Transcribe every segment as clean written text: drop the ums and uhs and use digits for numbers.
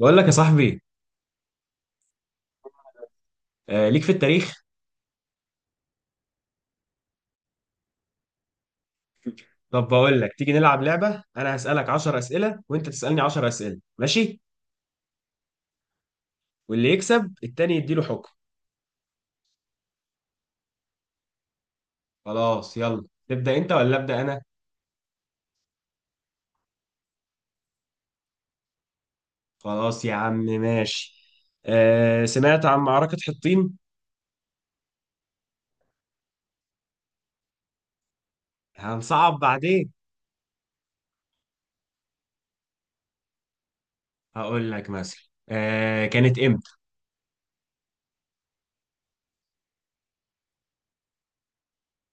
بقول لك يا صاحبي آه، ليك في التاريخ. طب بقول لك تيجي نلعب لعبة، انا هسألك 10 أسئلة وانت تسألني 10 أسئلة ماشي؟ واللي يكسب التاني يديله حكم. خلاص، يلا تبدأ انت ولا أبدأ انا؟ خلاص يا عم ماشي. آه، سمعت عن معركة حطين؟ هنصعب بعدين. هقول لك مثلا. آه، كانت امتى؟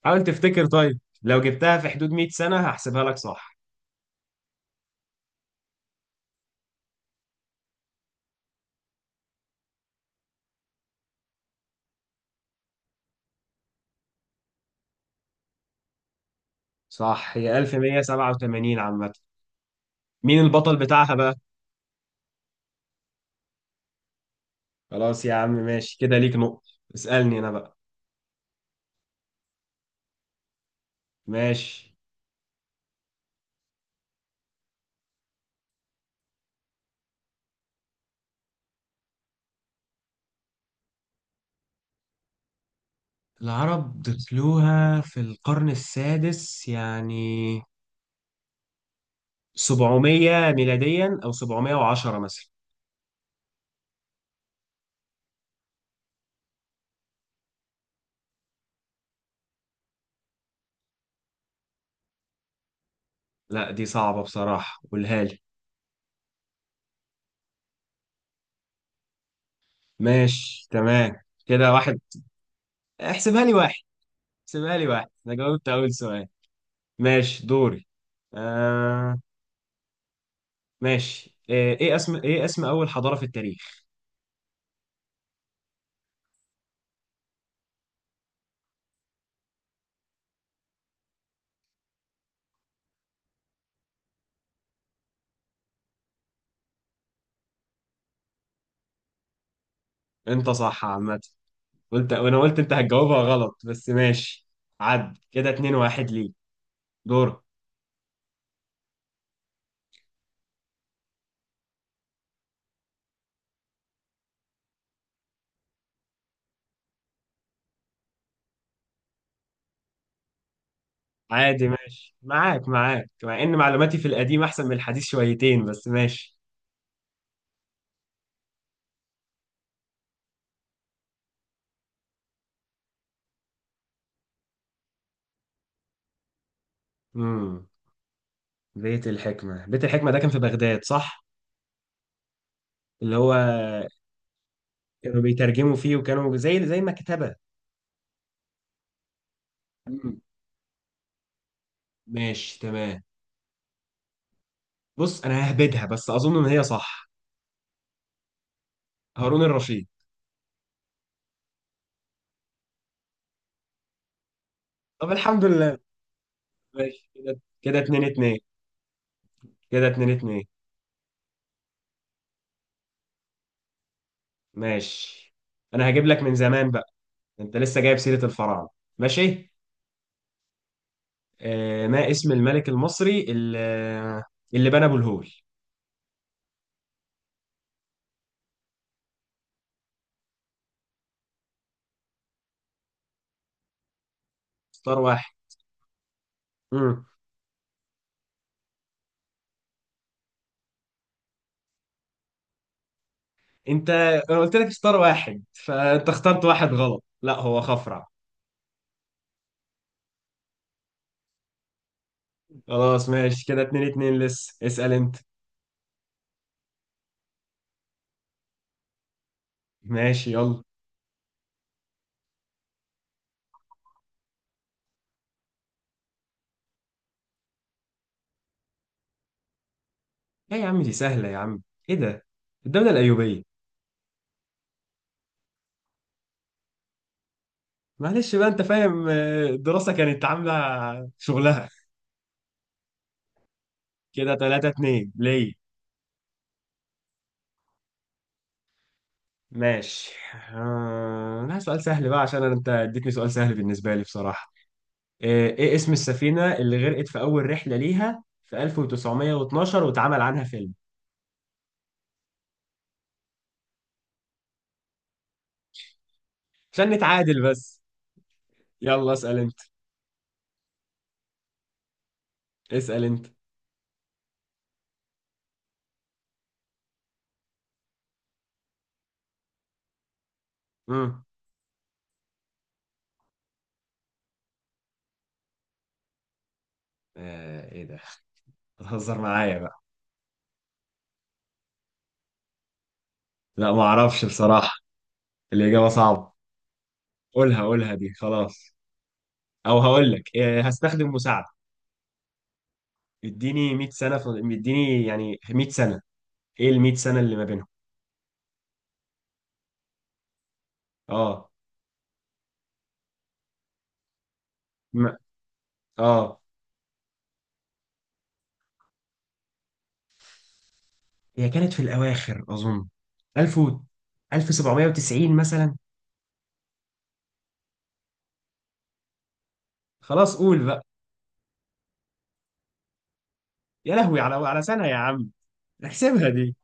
حاول تفتكر، طيب لو جبتها في حدود 100 سنة هحسبها لك صح. صح، هي 1187 عامة. مين البطل بتاعها بقى؟ خلاص يا عم ماشي، كده ليك نقطة. اسألني أنا بقى. ماشي. العرب دخلوها في القرن السادس يعني، 700 ميلاديا أو 710 مثلا. لا دي صعبة بصراحة، قولها لي. ماشي تمام، كده واحد. احسبها لي واحد. احسبها لي واحد، أنا جاوبت أول سؤال. ماشي، دوري. آه. ماشي، إيه إيه اسم إيه اسم أول حضارة في التاريخ؟ أنت صح عامة. قلت وانا قلت انت هتجاوبها غلط، بس ماشي. عد كده اتنين واحد ليك. دورك. عادي ماشي، معاك مع ان معلوماتي في القديم احسن من الحديث شويتين، بس ماشي. امم بيت الحكمة ده كان في بغداد صح؟ اللي هو كانوا بيترجموا فيه، وكانوا زي مكتبة. مم. ماشي تمام. بص انا ههبدها بس اظن ان هي صح. هارون الرشيد. طب الحمد لله. ماشي كده، كده اتنين اتنين. كده اتنين اتنين. ماشي، انا هجيب لك من زمان بقى. انت لسه جايب سيرة الفراعنة. ماشي. آه، ما اسم الملك المصري اللي بنى ابو الهول؟ اختار واحد. مم. انت انا قلت لك اختار واحد، فانت اخترت واحد غلط. لا هو خفرع. خلاص ماشي كده اتنين اتنين، لسه اسأل انت. ماشي يلا. ايه يا عم دي سهلة يا عم. ايه ده. الدولة الأيوبية. معلش بقى انت فاهم، الدراسة كانت عاملة شغلها. كده تلاتة اتنين ليه. ماشي. أنا سؤال سهل بقى، عشان أنت اديتني سؤال سهل بالنسبة لي بصراحة. إيه اسم السفينة اللي غرقت في أول رحلة ليها في 1912 واتعمل عنها فيلم؟ عشان نتعادل بس. يلا اسأل أنت. اسأل أنت. امم آه، إيه ده، بتهزر معايا بقى؟ لا ما أعرفش بصراحة، الإجابة صعبة. قولها قولها دي خلاص. أو هقول لك إيه، هستخدم مساعدة. اديني 100 سنة في، اديني يعني 100 سنة. إيه ال 100 سنة اللي ما بينهم؟ أه م- اه هي كانت في الأواخر أظن، 1000 و 1790 مثلا. خلاص قول بقى. يا لهوي، على سنة يا عم. احسبها دي.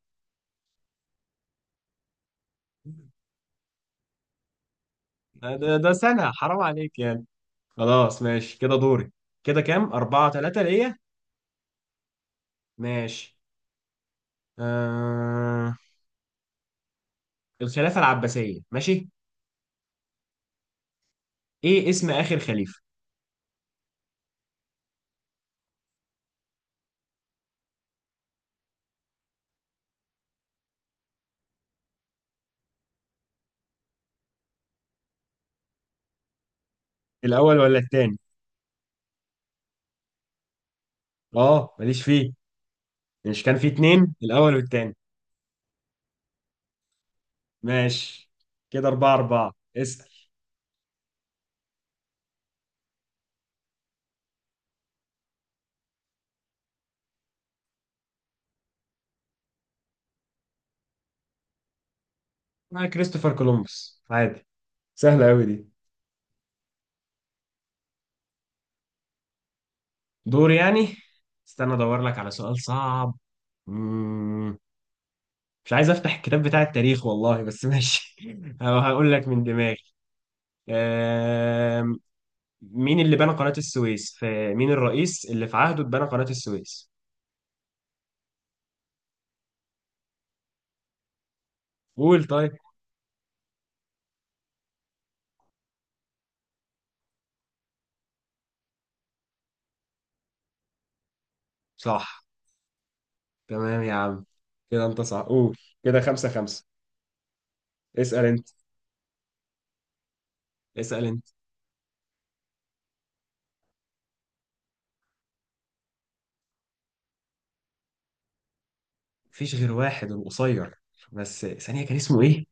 ده سنة حرام عليك يعني. خلاص ماشي كده دوري. كده كام، أربعة تلاتة ليا. ماشي. آه... الخلافة العباسية ماشي. إيه اسم آخر خليفة؟ الأول ولا التاني؟ آه، ماليش فيه. مش كان فيه اتنين، الأول والتاني؟ ماشي كده أربعة أربعة، اسأل. آه، كريستوفر كولومبوس عادي. سهلة أوي دي. دور يعني. استنى ادور لك على سؤال صعب. مم. مش عايز افتح الكتاب بتاع التاريخ والله، بس ماشي أو هقول لك من دماغي. آم، مين اللي بنى قناة السويس، في مين الرئيس اللي في عهده اتبنى قناة السويس؟ قول طيب. صح، تمام يا عم. كده انت صح، قول. كده خمسة خمسة. اسأل انت. اسأل انت. مفيش غير واحد، القصير. بس ثانية، كان اسمه ايه.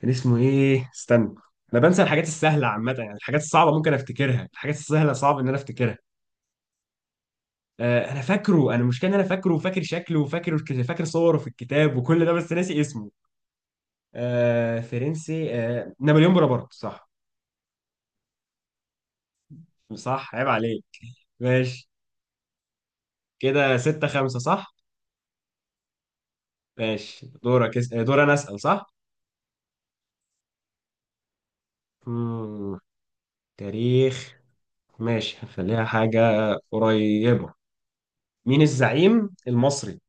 كان اسمه ايه، استنى. انا بنسى الحاجات السهله عامه يعني، الحاجات الصعبه ممكن افتكرها، الحاجات السهله صعب ان انا افتكرها. آه انا فاكره، انا المشكله ان انا فاكره وفاكر شكله وفاكر. فاكر صوره في الكتاب وكل ده، بس ناسي اسمه. آه فرنسي، آه نابليون بونابرت صح. صح عيب عليك. ماشي كده ستة خمسة صح. ماشي دورك، دور انا اسال صح. مم. تاريخ. ماشي هنخليها حاجه قريبه. مين الزعيم المصري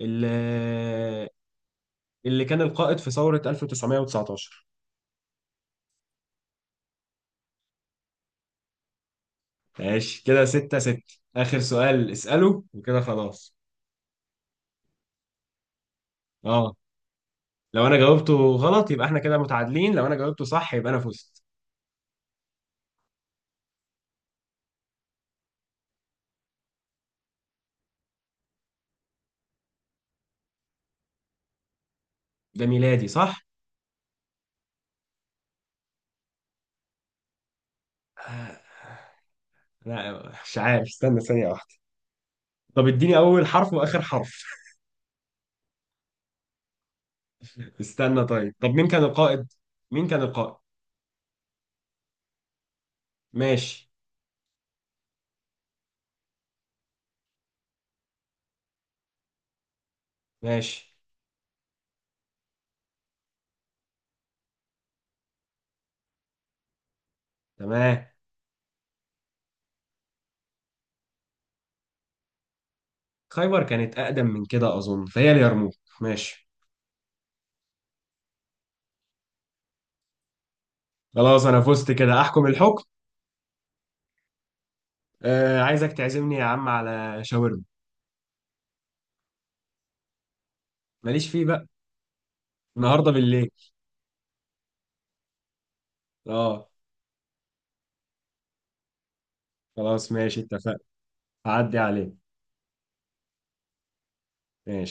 اللي اللي كان القائد في ثورة 1919؟ ماشي كده ستة ستة. آخر سؤال اسأله وكده خلاص. اه. لو أنا جاوبته غلط يبقى احنا كده متعادلين، لو أنا جاوبته صح يبقى أنا فزت. ده ميلادي صح؟ آه، لا مش عارف، استنى ثانية واحدة. طب اديني أول حرف وآخر حرف. استنى طيب، طب مين كان القائد؟ مين كان القائد؟ ماشي. ماشي تمام. خيبر كانت أقدم من كده أظن، فهي اليرموك. ماشي. خلاص أنا فزت كده، أحكم الحكم. آه عايزك تعزمني يا عم على شاورما. ماليش فيه بقى. النهارده بالليل. اه. خلاص ماشي اتفقنا. هعدي عليك. ماشي